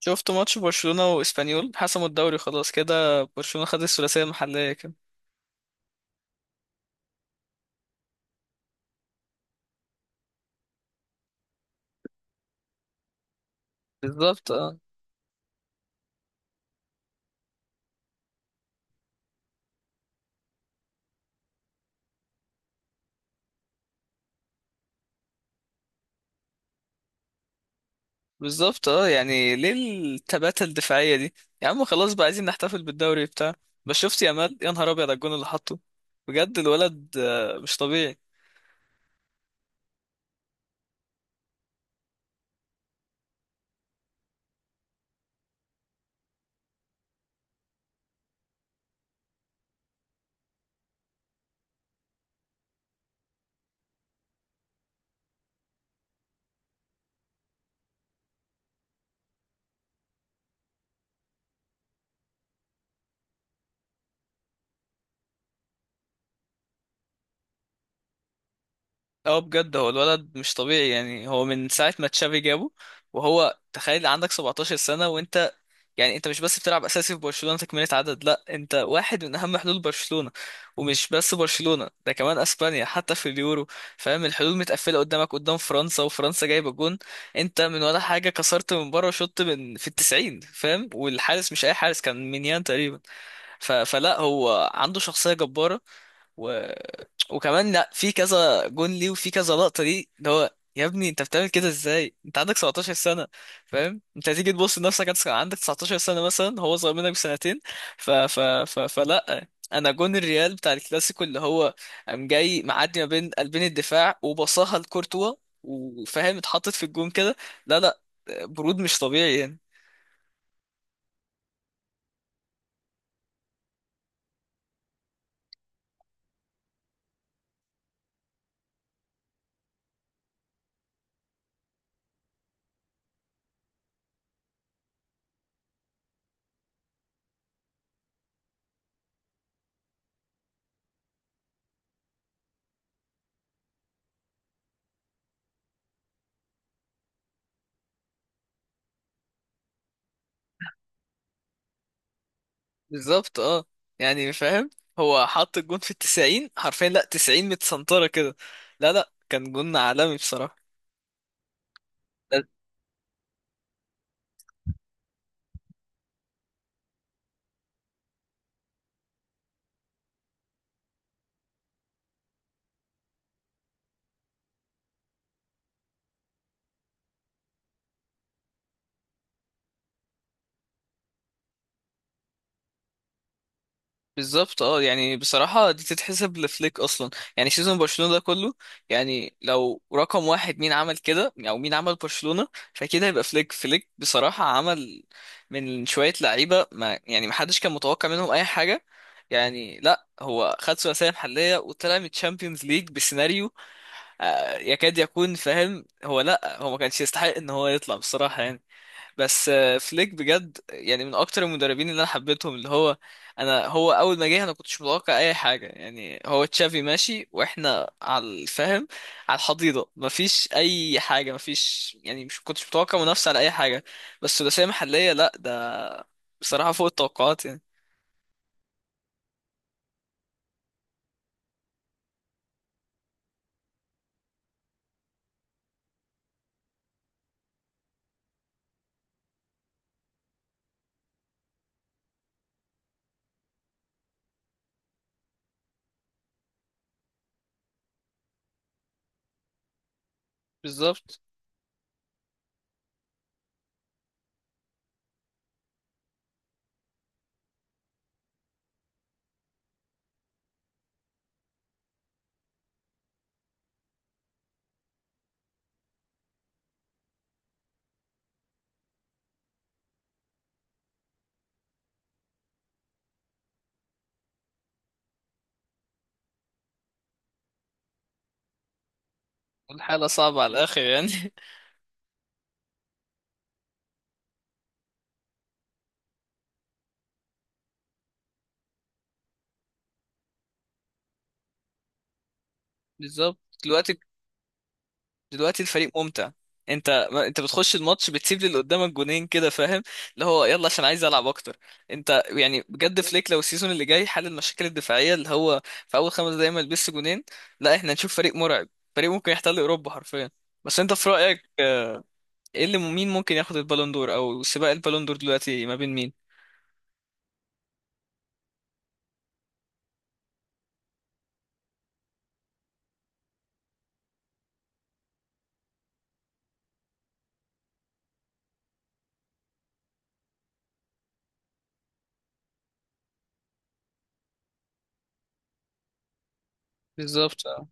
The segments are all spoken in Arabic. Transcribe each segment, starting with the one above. شفت ماتش برشلونة واسبانيول، حسموا الدوري خلاص كده. برشلونة خد الثلاثية المحلية كده. بالظبط اه. بالظبط اه، يعني ليه التباتة الدفاعية دي؟ يا عم خلاص بقى، عايزين نحتفل بالدوري بتاع. بس شفت يامال؟ يا نهار ابيض على الجون اللي حطه! بجد الولد، مش طبيعي. اه بجد هو الولد مش طبيعي يعني، هو من ساعة ما تشافي جابه. وهو تخيل، عندك 17 سنة وانت يعني، انت مش بس بتلعب اساسي في برشلونة تكملة عدد، لا انت واحد من اهم حلول برشلونة. ومش بس برشلونة، ده كمان اسبانيا حتى في اليورو، فاهم؟ الحلول متقفلة قدامك، قدام فرنسا، وفرنسا جايبة جون، انت من ولا حاجة كسرت من بره شوط من في التسعين، فاهم؟ والحارس مش اي حارس، كان مينيان تقريبا. فلا، هو عنده شخصية جبارة. و... وكمان لا، في كذا جون ليه، وفي كذا لقطة ليه، اللي هو يا ابني انت بتعمل كده ازاي؟ انت عندك 17 سنة، فاهم؟ انت هتيجي تبص لنفسك، عندك 19 سنة مثلا، هو صغير منك بسنتين. فلا، انا جون الريال بتاع الكلاسيكو اللي هو، قام جاي معدي ما بين قلبين الدفاع وبصاها لكورتوا، وفاهم اتحطت في الجون كده. لا لا، برود مش طبيعي يعني. بالظبط اه، يعني فاهم، هو حط الجون في التسعين حرفيا، لا تسعين متسنطرة كده. لا لا، كان جون عالمي بصراحة. بالظبط اه، يعني بصراحة دي تتحسب لفليك أصلا، يعني سيزون برشلونة ده كله. يعني لو رقم واحد مين عمل كده، أو مين عمل برشلونة، فكده يبقى فليك بصراحة عمل من شوية لعيبة ما، يعني محدش كان متوقع منهم أي حاجة. يعني لا، هو خد ثلاثية محلية وطلع من الشامبيونز ليج بسيناريو يكاد يكون، فاهم؟ هو لا، هو ما كانش يستحق ان هو يطلع بصراحة يعني. بس فليك بجد يعني، من اكتر المدربين اللي انا حبيتهم، اللي هو انا، هو اول ما جه انا كنتش متوقع اي حاجه يعني. هو تشافي ماشي واحنا على الفهم، على الحضيضه، مفيش اي حاجه، مفيش يعني. مش كنتش متوقع منافسه على اي حاجه، بس ثلاثيه محليه، لا ده بصراحه فوق التوقعات يعني. بالظبط. الحاله صعبه على الاخر يعني. بالظبط. دلوقتي، دلوقتي الفريق ممتع. انت ما انت بتخش الماتش بتسيب للي قدامك جونين كده، فاهم؟ اللي هو يلا، عشان عايز العب اكتر. انت يعني بجد، فليك لو السيزون اللي جاي حل المشاكل الدفاعيه، اللي هو في اول 5 دقايق ما يلبس جونين، لا احنا هنشوف فريق مرعب، فريق ممكن يحتل اوروبا حرفيا. بس انت في رايك، ايه اللي، مين ممكن ياخد البالون دور، او سباق البالون دور دلوقتي ما بين مين؟ بالظبط اه.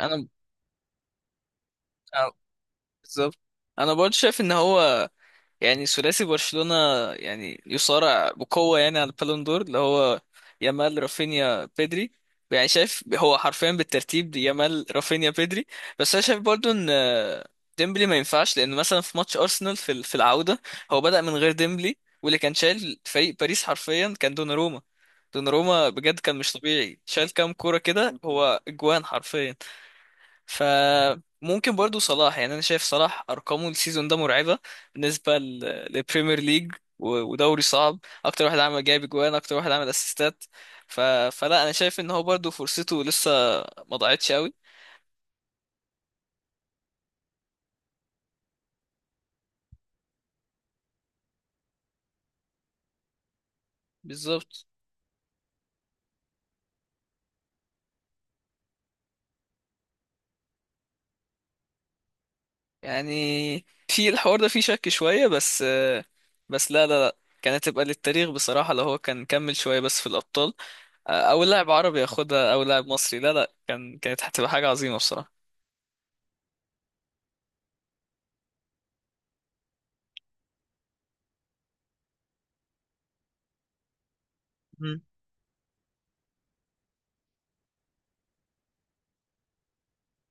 انا اه، بالظبط، انا برضه شايف ان هو يعني، ثلاثي برشلونة يعني، يصارع بقوة يعني على البالون دور، اللي هو يامال رافينيا بيدري. يعني شايف هو حرفيا بالترتيب دي، يامال رافينيا بيدري. بس انا شايف برضو ان ديمبلي ما ينفعش، لان مثلا في ماتش ارسنال في في العودة، هو بدأ من غير ديمبلي، واللي كان شايل فريق باريس حرفيا كان دوناروما. دوناروما بجد كان مش طبيعي، شايل كام كورة كده، هو اجوان حرفيا. فممكن برضو صلاح، يعني انا شايف صلاح ارقامه السيزون ده مرعبه، بالنسبه للبريمير ليج. ودوري صعب، اكتر واحد عمل جايب اجوان، اكتر واحد عمل اسيستات. ف... فلا، انا شايف ان هو برضو فرصته لسه ما ضاعتش قوي. بالظبط. يعني في الحوار ده فيه شك شويه بس. بس لا لا لا، كانت تبقى للتاريخ بصراحه لو هو كان كمل شويه بس في الابطال، او لاعب عربي ياخدها، او لاعب مصري. لا لا، كان كانت هتبقى حاجه عظيمه بصراحه. مم.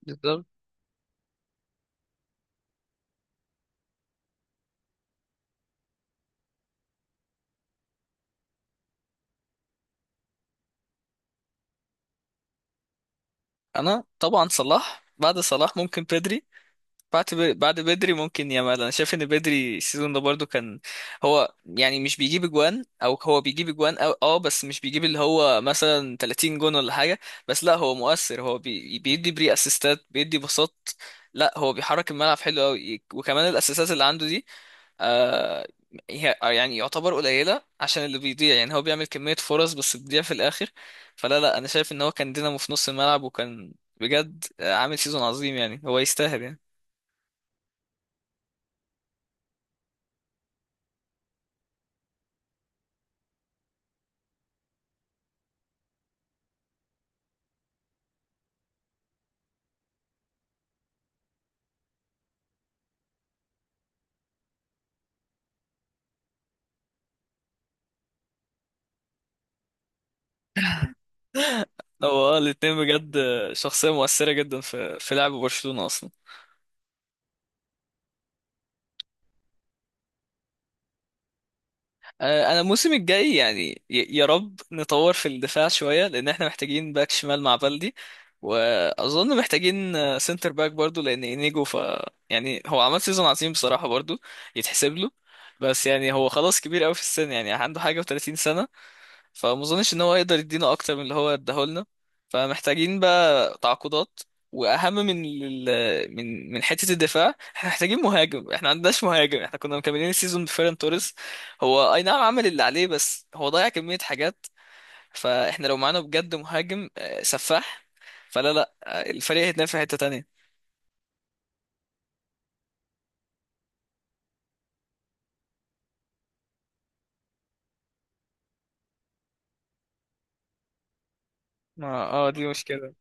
بالظبط. انا طبعا صلاح، بعد صلاح ممكن بدري. بعد بدري ممكن يامال. انا شايف ان بدري السيزون ده برضو كان، هو يعني مش بيجيب اجوان، او هو بيجيب اجوان أو بس مش بيجيب اللي هو مثلا 30 جون ولا حاجه، بس لا هو مؤثر. هو بي بيدي بري اسيستات، بيدي باصات، لا هو بيحرك الملعب حلو قوي. وكمان الاسيستات اللي عنده دي، آه يعني يعتبر قليلة، عشان اللي بيضيع يعني، هو بيعمل كمية فرص بس بتضيع في الآخر. فلا لا، أنا شايف إن هو كان دينامو في نص الملعب، وكان بجد عامل سيزون عظيم، يعني هو يستاهل يعني. هو الاتنين بجد، شخصية مؤثرة جدا في لعب برشلونة أصلا. انا الموسم الجاي يعني، يا رب نطور في الدفاع شويه، لان احنا محتاجين باك شمال مع بلدي. واظن محتاجين سنتر باك برضو، لان انيجو، ف يعني هو عمل سيزون عظيم بصراحه برضو، يتحسب له. بس يعني هو خلاص كبير قوي في السن، يعني عنده حاجه و30 سنه، فما اظنش ان هو يقدر يدينا اكتر من اللي هو اداهولنا. فمحتاجين بقى تعاقدات، واهم من من حته الدفاع، احنا محتاجين مهاجم. احنا ما عندناش مهاجم، احنا كنا مكملين السيزون بفيران توريس. هو اي نعم عمل اللي عليه، بس هو ضيع كميه حاجات. فاحنا لو معانا بجد مهاجم سفاح، فلا لا الفريق هيتنافس في حته تانية. ما اه دي مشكله.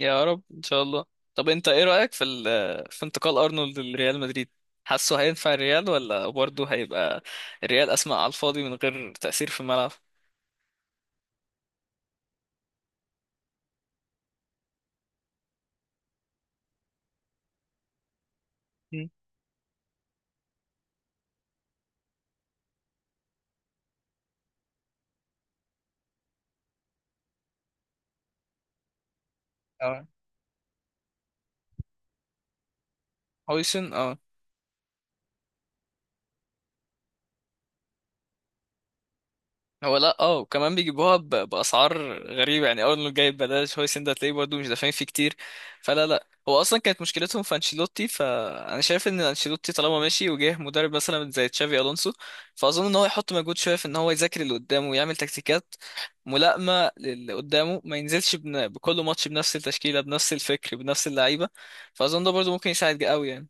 يا رب ان شاء الله. طب انت ايه رأيك في في انتقال ارنولد لريال مدريد؟ حاسه هينفع الريال، ولا برضه هيبقى الريال اسمع على الفاضي من غير تأثير في الملعب؟ مم. اه، هويسن اه. هو لا اه، وكمان بيجيبوها باسعار غريبه يعني. اول ما جايب بلاش هويسن ده، تلاقيه برضه مش دافعين فيه كتير. فلا لا، هو اصلا كانت مشكلتهم في انشيلوتي. فانا شايف ان انشيلوتي طالما ماشي، وجه مدرب مثلا زي تشافي الونسو، فاظن ان هو يحط مجهود شويه في ان هو يذاكر اللي قدامه، ويعمل تكتيكات ملائمه للي قدامه، ما ينزلش بكل ماتش بنفس التشكيله، بنفس الفكر، بنفس اللعيبه. فاظن ده برضه ممكن يساعد قوي يعني.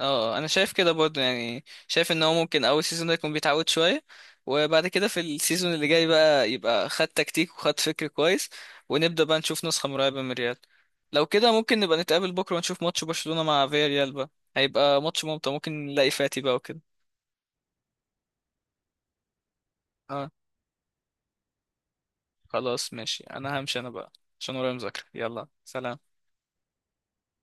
اه انا شايف كده برضو، يعني شايف ان هو ممكن اول سيزون ده يكون بيتعود شويه، وبعد كده في السيزون اللي جاي بقى، يبقى خد تكتيك وخد فكر كويس، ونبدا بقى نشوف نسخه مرعبه من ريال. لو كده ممكن نبقى نتقابل بكره، ونشوف ماتش برشلونه مع فياريال بقى، هيبى ماتش ممتع. ممكن نلاقي فاتي بقى وكده. اه خلاص ماشي، انا همشي انا بقى عشان ورايا مذاكره. يلا سلام.